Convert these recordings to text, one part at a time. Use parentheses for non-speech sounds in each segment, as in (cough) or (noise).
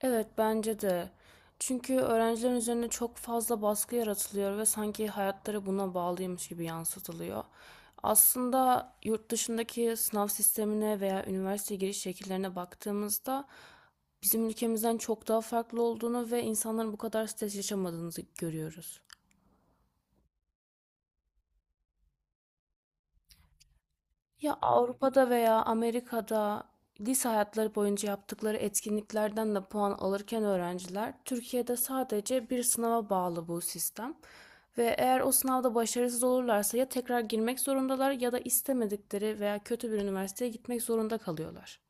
Evet, bence de. Çünkü öğrencilerin üzerine çok fazla baskı yaratılıyor ve sanki hayatları buna bağlıymış gibi yansıtılıyor. Aslında yurt dışındaki sınav sistemine veya üniversite giriş şekillerine baktığımızda bizim ülkemizden çok daha farklı olduğunu ve insanların bu kadar stres yaşamadığını görüyoruz. Ya Avrupa'da veya Amerika'da lise hayatları boyunca yaptıkları etkinliklerden de puan alırken öğrenciler, Türkiye'de sadece bir sınava bağlı bu sistem. Ve eğer o sınavda başarısız olurlarsa ya tekrar girmek zorundalar ya da istemedikleri veya kötü bir üniversiteye gitmek zorunda kalıyorlar.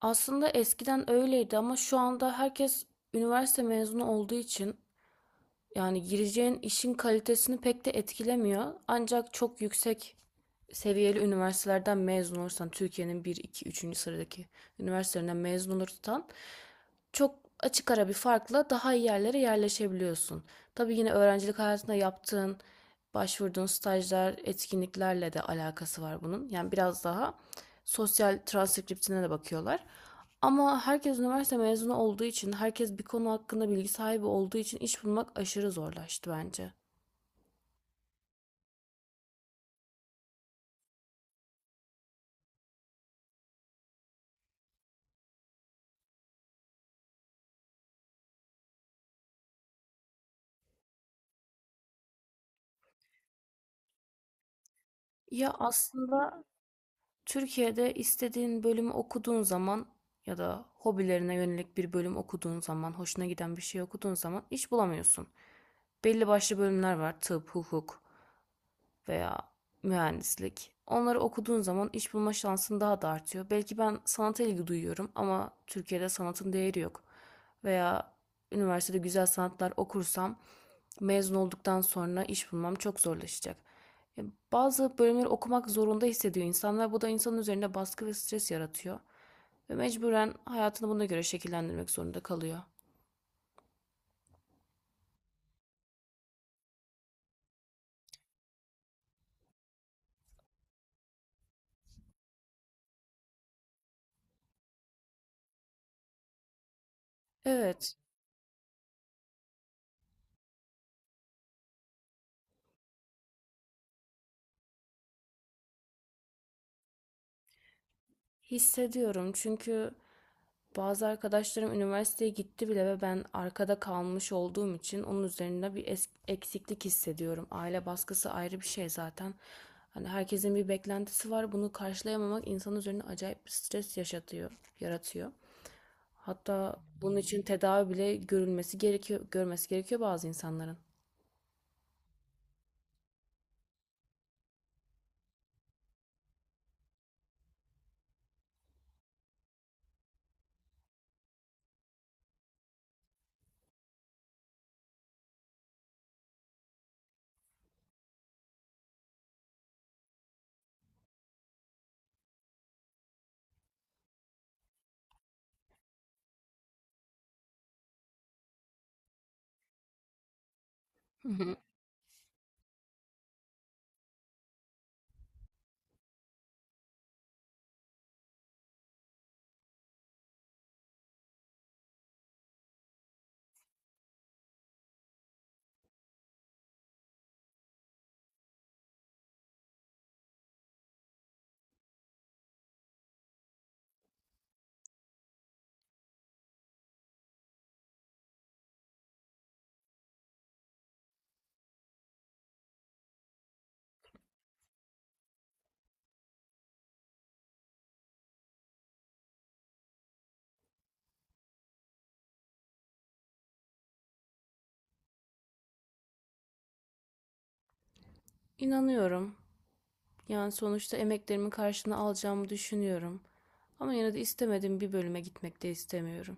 Aslında eskiden öyleydi ama şu anda herkes üniversite mezunu olduğu için yani gireceğin işin kalitesini pek de etkilemiyor. Ancak çok yüksek seviyeli üniversitelerden mezun olursan, Türkiye'nin bir, 2, üçüncü sıradaki üniversitelerinden mezun olursan çok açık ara bir farkla daha iyi yerlere yerleşebiliyorsun. Tabii yine öğrencilik hayatında yaptığın, başvurduğun stajlar, etkinliklerle de alakası var bunun. Yani biraz daha sosyal transkriptine de bakıyorlar. Ama herkes üniversite mezunu olduğu için, herkes bir konu hakkında bilgi sahibi olduğu için iş bulmak aşırı zorlaştı bence. Ya aslında Türkiye'de istediğin bölümü okuduğun zaman ya da hobilerine yönelik bir bölüm okuduğun zaman, hoşuna giden bir şey okuduğun zaman iş bulamıyorsun. Belli başlı bölümler var. Tıp, hukuk veya mühendislik. Onları okuduğun zaman iş bulma şansın daha da artıyor. Belki ben sanata ilgi duyuyorum ama Türkiye'de sanatın değeri yok. Veya üniversitede güzel sanatlar okursam mezun olduktan sonra iş bulmam çok zorlaşacak. E, Bazı bölümleri okumak zorunda hissediyor insanlar. Bu da insanın üzerinde baskı ve stres yaratıyor. Ve mecburen hayatını buna göre şekillendirmek zorunda kalıyor. Evet. Hissediyorum çünkü bazı arkadaşlarım üniversiteye gitti bile ve ben arkada kalmış olduğum için onun üzerinde bir eksiklik hissediyorum. Aile baskısı ayrı bir şey zaten. Hani herkesin bir beklentisi var. Bunu karşılayamamak insan üzerine acayip bir stres yaşatıyor, yaratıyor. Hatta bunun için tedavi bile görülmesi gerekiyor, görmesi gerekiyor bazı insanların. Hı hı. İnanıyorum. Yani sonuçta emeklerimin karşılığını alacağımı düşünüyorum. Ama yine de istemediğim bir bölüme gitmek de istemiyorum.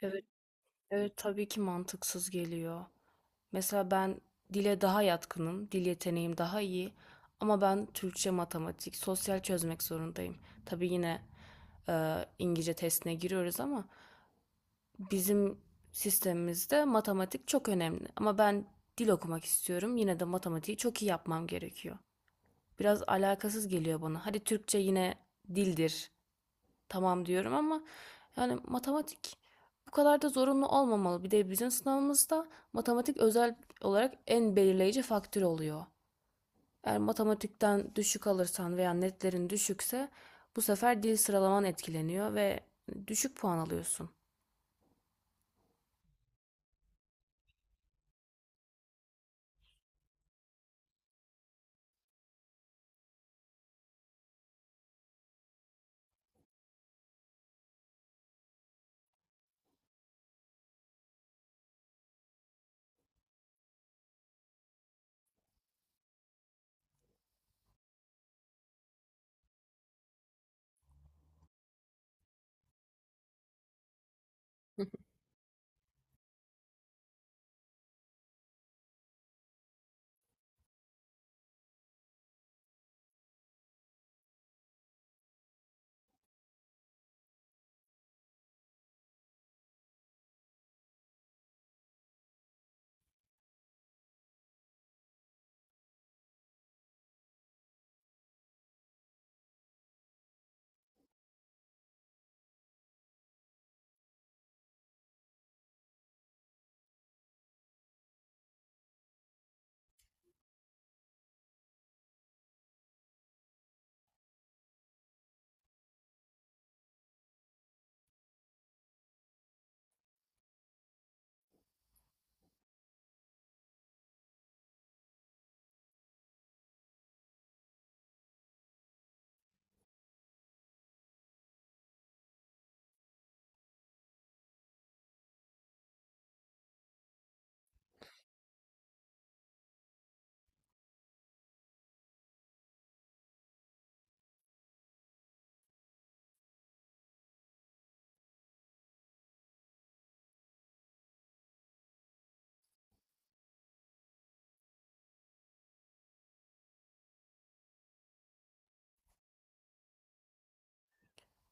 Evet, evet tabii ki mantıksız geliyor. Mesela ben dile daha yatkınım, dil yeteneğim daha iyi. Ama ben Türkçe, matematik, sosyal çözmek zorundayım. Tabii yine İngilizce testine giriyoruz ama bizim sistemimizde matematik çok önemli. Ama ben dil okumak istiyorum. Yine de matematiği çok iyi yapmam gerekiyor. Biraz alakasız geliyor bana. Hadi Türkçe yine dildir. Tamam diyorum ama yani matematik bu kadar da zorunlu olmamalı. Bir de bizim sınavımızda matematik özel olarak en belirleyici faktör oluyor. Eğer matematikten düşük alırsan veya netlerin düşükse bu sefer dil sıralaman etkileniyor ve düşük puan alıyorsun.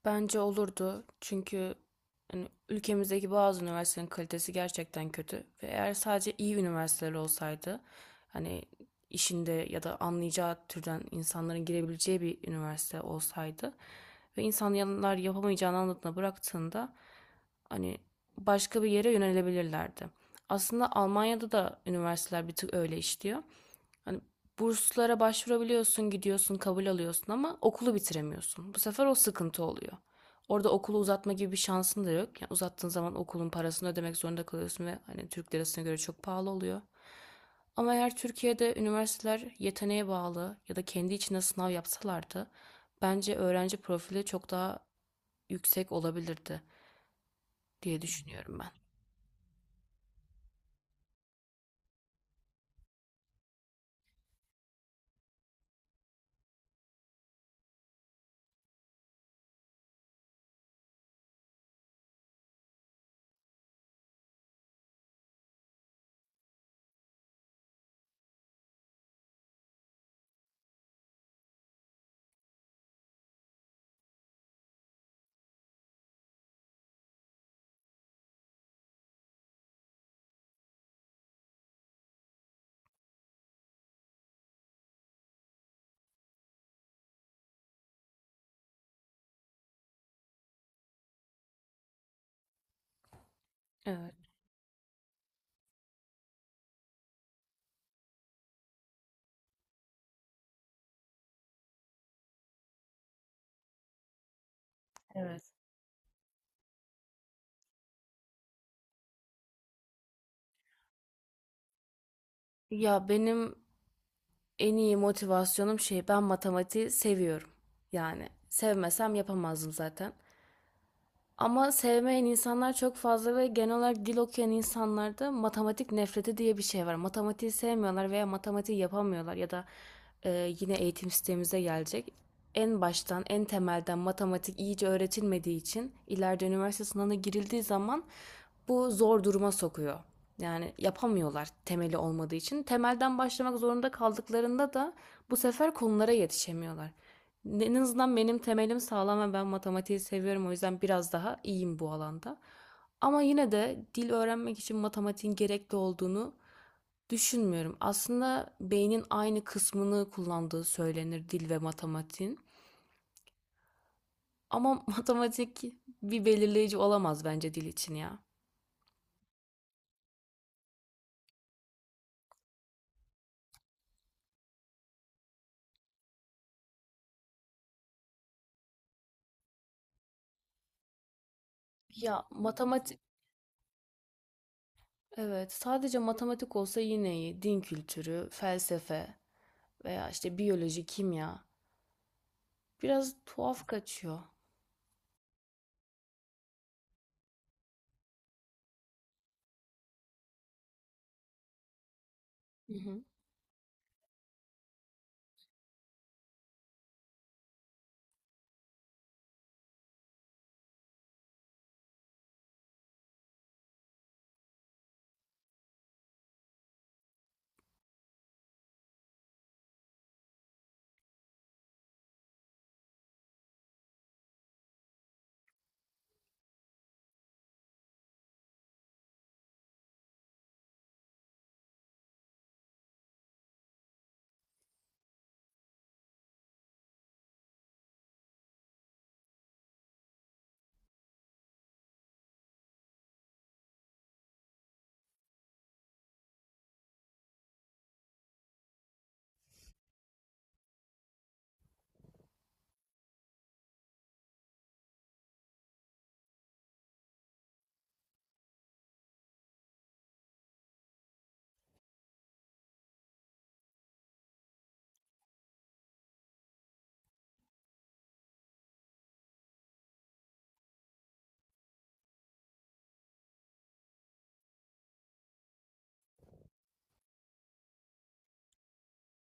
Bence olurdu çünkü hani ülkemizdeki bazı üniversitelerin kalitesi gerçekten kötü ve eğer sadece iyi üniversiteler olsaydı, hani işinde ya da anlayacağı türden insanların girebileceği bir üniversite olsaydı ve insanlar yapamayacağını anladığında bıraktığında hani başka bir yere yönelebilirlerdi. Aslında Almanya'da da üniversiteler bir tık öyle işliyor. Hani burslara başvurabiliyorsun, gidiyorsun, kabul alıyorsun ama okulu bitiremiyorsun. Bu sefer o sıkıntı oluyor. Orada okulu uzatma gibi bir şansın da yok. Yani uzattığın zaman okulun parasını ödemek zorunda kalıyorsun ve hani Türk lirasına göre çok pahalı oluyor. Ama eğer Türkiye'de üniversiteler yeteneğe bağlı ya da kendi içinde sınav yapsalardı, bence öğrenci profili çok daha yüksek olabilirdi diye düşünüyorum ben. Evet. Evet. Ya benim en iyi motivasyonum şey, ben matematiği seviyorum. Yani sevmesem yapamazdım zaten. Ama sevmeyen insanlar çok fazla ve genel olarak dil okuyan insanlarda matematik nefreti diye bir şey var. Matematiği sevmiyorlar veya matematiği yapamıyorlar ya da yine eğitim sistemimize gelecek. En baştan, en temelden matematik iyice öğretilmediği için ileride üniversite sınavına girildiği zaman bu zor duruma sokuyor. Yani yapamıyorlar temeli olmadığı için. Temelden başlamak zorunda kaldıklarında da bu sefer konulara yetişemiyorlar. En azından benim temelim sağlam ve ben matematiği seviyorum. O yüzden biraz daha iyiyim bu alanda. Ama yine de dil öğrenmek için matematiğin gerekli olduğunu düşünmüyorum. Aslında beynin aynı kısmını kullandığı söylenir dil ve matematiğin. Ama (laughs) matematik bir belirleyici olamaz bence dil için ya. Ya matematik, evet sadece matematik olsa yine iyi. Din kültürü, felsefe veya işte biyoloji, kimya biraz tuhaf kaçıyor. Hı hı.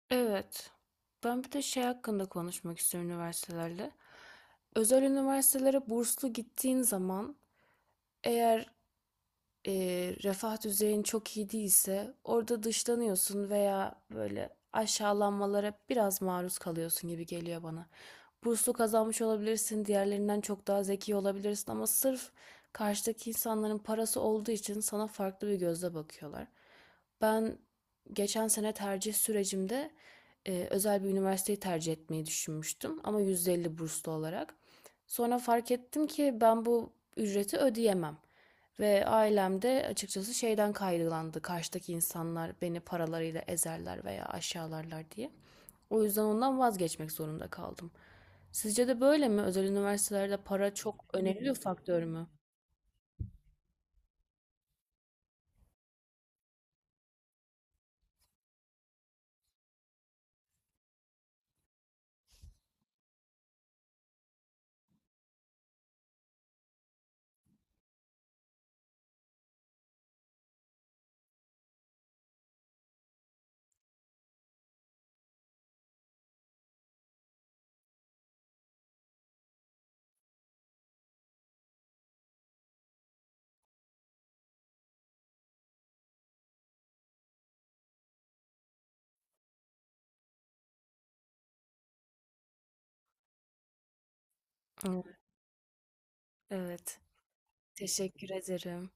Evet. Ben bir de şey hakkında konuşmak istiyorum üniversitelerle. Özel üniversitelere burslu gittiğin zaman, eğer e, refah düzeyin çok iyi değilse orada dışlanıyorsun veya böyle aşağılanmalara biraz maruz kalıyorsun gibi geliyor bana. Burslu kazanmış olabilirsin, diğerlerinden çok daha zeki olabilirsin ama sırf karşıdaki insanların parası olduğu için sana farklı bir gözle bakıyorlar. Ben geçen sene tercih sürecimde özel bir üniversiteyi tercih etmeyi düşünmüştüm ama %50 burslu olarak. Sonra fark ettim ki ben bu ücreti ödeyemem. Ve ailem de açıkçası şeyden kaygılandı. Karşıdaki insanlar beni paralarıyla ezerler veya aşağılarlar diye. O yüzden ondan vazgeçmek zorunda kaldım. Sizce de böyle mi? Özel üniversitelerde para çok önemli bir faktör mü? Evet. Evet. Teşekkür ederim.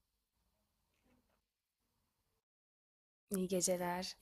İyi geceler.